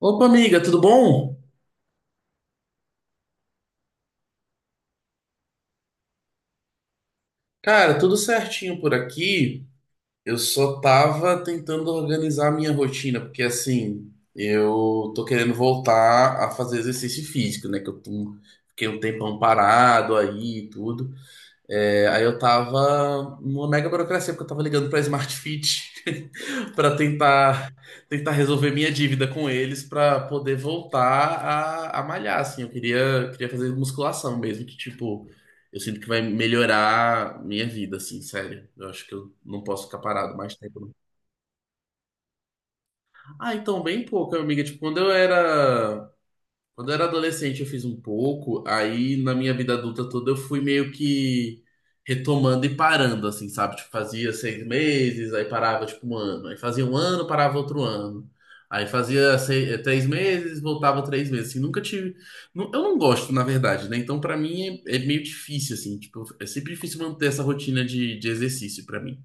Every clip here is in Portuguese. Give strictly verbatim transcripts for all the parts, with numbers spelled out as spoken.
Opa, amiga, tudo bom? Cara, tudo certinho por aqui. Eu só tava tentando organizar a minha rotina, porque assim, eu tô querendo voltar a fazer exercício físico, né? Que eu tô- um, fiquei um tempão parado aí e tudo. É, aí eu tava numa mega burocracia, porque eu tava ligando pra Smart Fit pra tentar, tentar resolver minha dívida com eles pra poder voltar a, a malhar, assim. Eu queria, queria fazer musculação mesmo, que tipo, eu sinto que vai melhorar minha vida, assim, sério. Eu acho que eu não posso ficar parado mais tempo, não. Ah, então, bem pouco, amiga. Tipo, quando eu era quando eu era adolescente, eu fiz um pouco, aí na minha vida adulta toda eu fui meio que retomando e parando, assim, sabe? Tipo, fazia seis meses, aí parava, tipo, um ano. Aí fazia um ano, parava outro ano. Aí fazia seis, eh, três meses, voltava três meses, assim, nunca tive... nu- Eu não gosto, na verdade, né? Então, pra mim, é é meio difícil, assim, tipo, é sempre difícil manter essa rotina de, de exercício pra mim.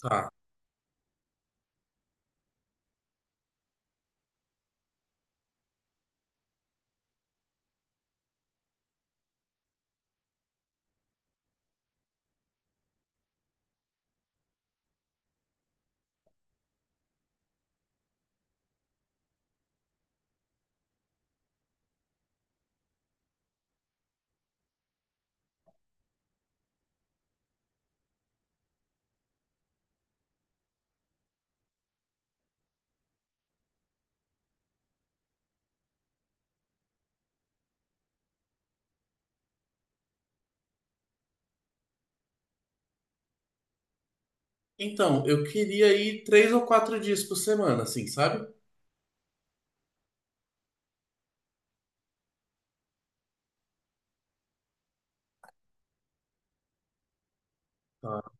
Tá. Então, eu queria ir três ou quatro dias por semana, assim, sabe? Tá.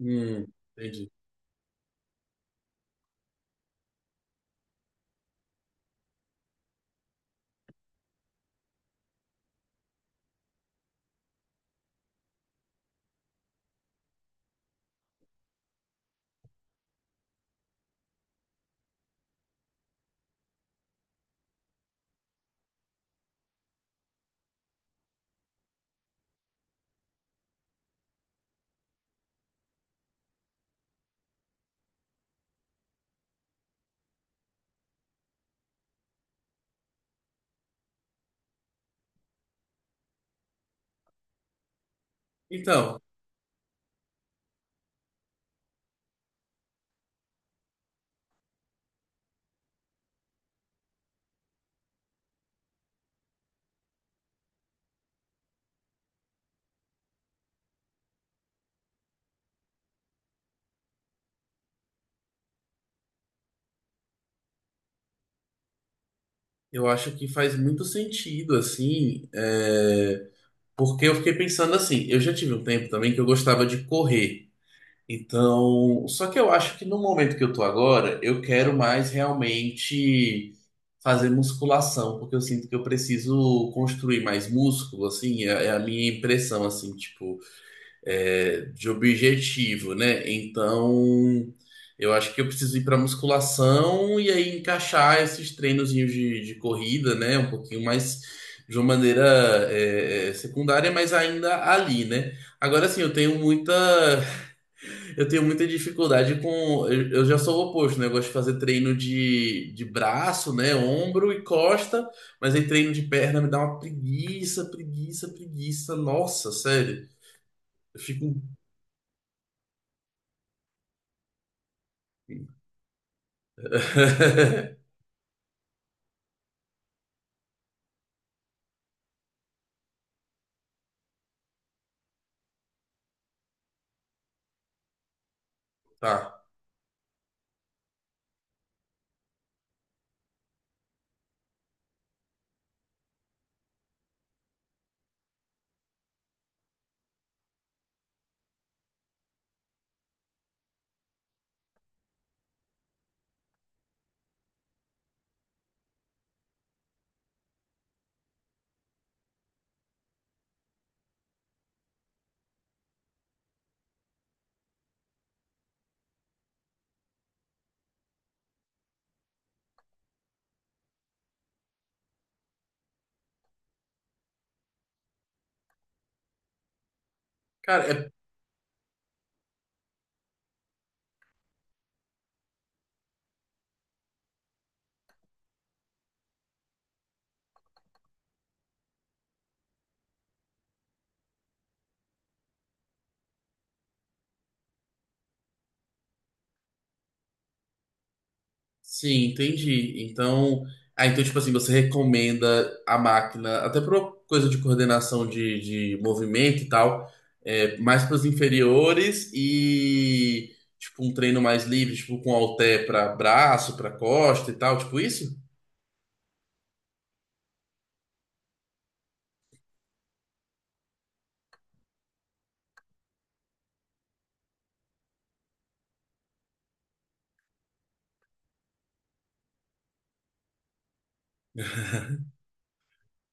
Hum, entendi. Então, eu acho que faz muito sentido, assim, é, porque eu fiquei pensando assim, eu já tive um tempo também que eu gostava de correr. Então, só que eu acho que no momento que eu tô agora, eu quero mais realmente fazer musculação, porque eu sinto que eu preciso construir mais músculo, assim, é é a minha impressão, assim, tipo é, de objetivo, né? Então, eu acho que eu preciso ir para musculação e aí encaixar esses treinozinhos de, de corrida, né? Um pouquinho mais de uma maneira é, é, secundária, mas ainda ali, né? Agora assim, eu tenho muita, eu tenho muita dificuldade com, eu, eu já sou o oposto, né? Eu gosto de fazer treino de, de braço, né? Ombro e costa, mas aí treino de perna me dá uma preguiça, preguiça, preguiça. Nossa, sério, eu fico Tá. Cara, é... Sim, entendi. Então, ah, então, tipo assim, você recomenda a máquina, até para coisa de coordenação de, de movimento e tal, é, mais para os inferiores e, tipo, um treino mais livre, tipo, com halter para braço, para costa e tal, tipo isso?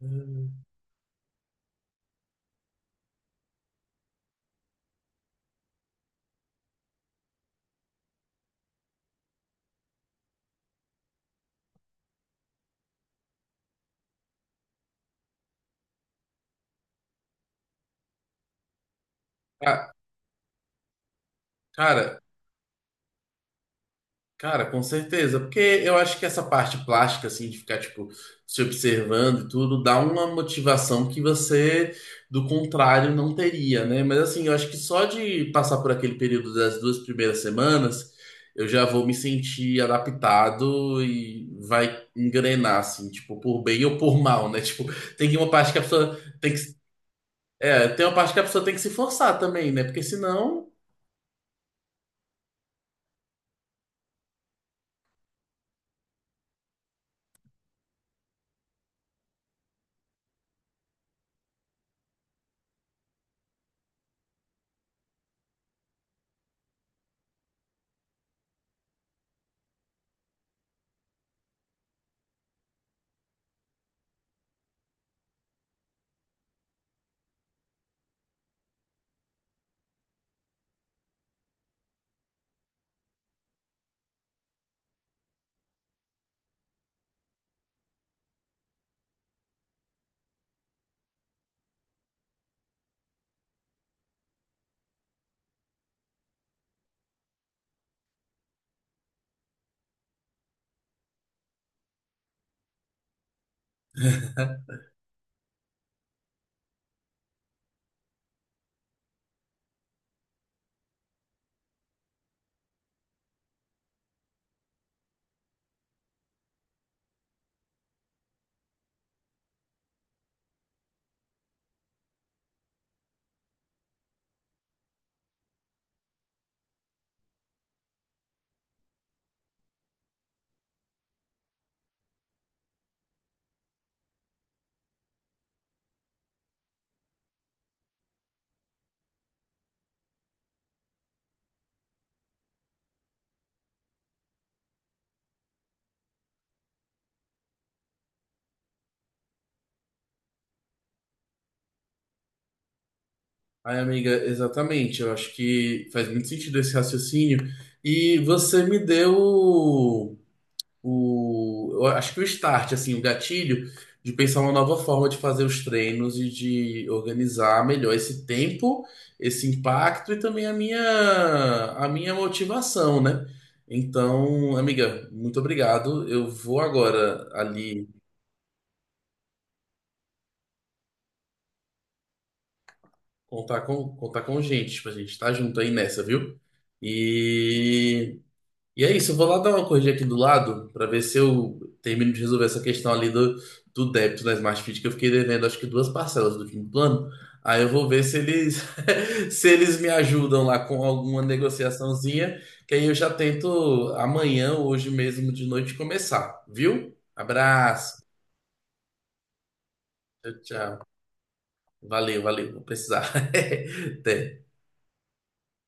Hum. Ah, cara, cara, com certeza, porque eu acho que essa parte plástica, assim, de ficar, tipo, se observando e tudo, dá uma motivação que você, do contrário, não teria, né? Mas, assim, eu acho que só de passar por aquele período das duas primeiras semanas, eu já vou me sentir adaptado e vai engrenar, assim, tipo, por bem ou por mal, né? Tipo, tem uma parte que a pessoa tem que. É, tem uma parte que a pessoa tem que se forçar também, né? Porque senão. Ai, amiga, exatamente. Eu acho que faz muito sentido esse raciocínio. E você me deu o, o- eu acho que o start, assim, o gatilho de pensar uma nova forma de fazer os treinos e de organizar melhor esse tempo, esse impacto e também a minha, a minha motivação, né? Então, amiga, muito obrigado. Eu vou agora ali contar com, contar com gente, pra gente estar junto aí nessa, viu? E e é isso, eu vou lá dar uma corrigida aqui do lado para ver se eu termino de resolver essa questão ali do, do débito na Smart Fit, que eu fiquei devendo acho que duas parcelas do fim do plano. Aí eu vou ver se eles se eles me ajudam lá com alguma negociaçãozinha, que aí eu já tento amanhã, hoje mesmo de noite começar, viu? Abraço. Tchau, tchau. Valeu, valeu, vou precisar. Até.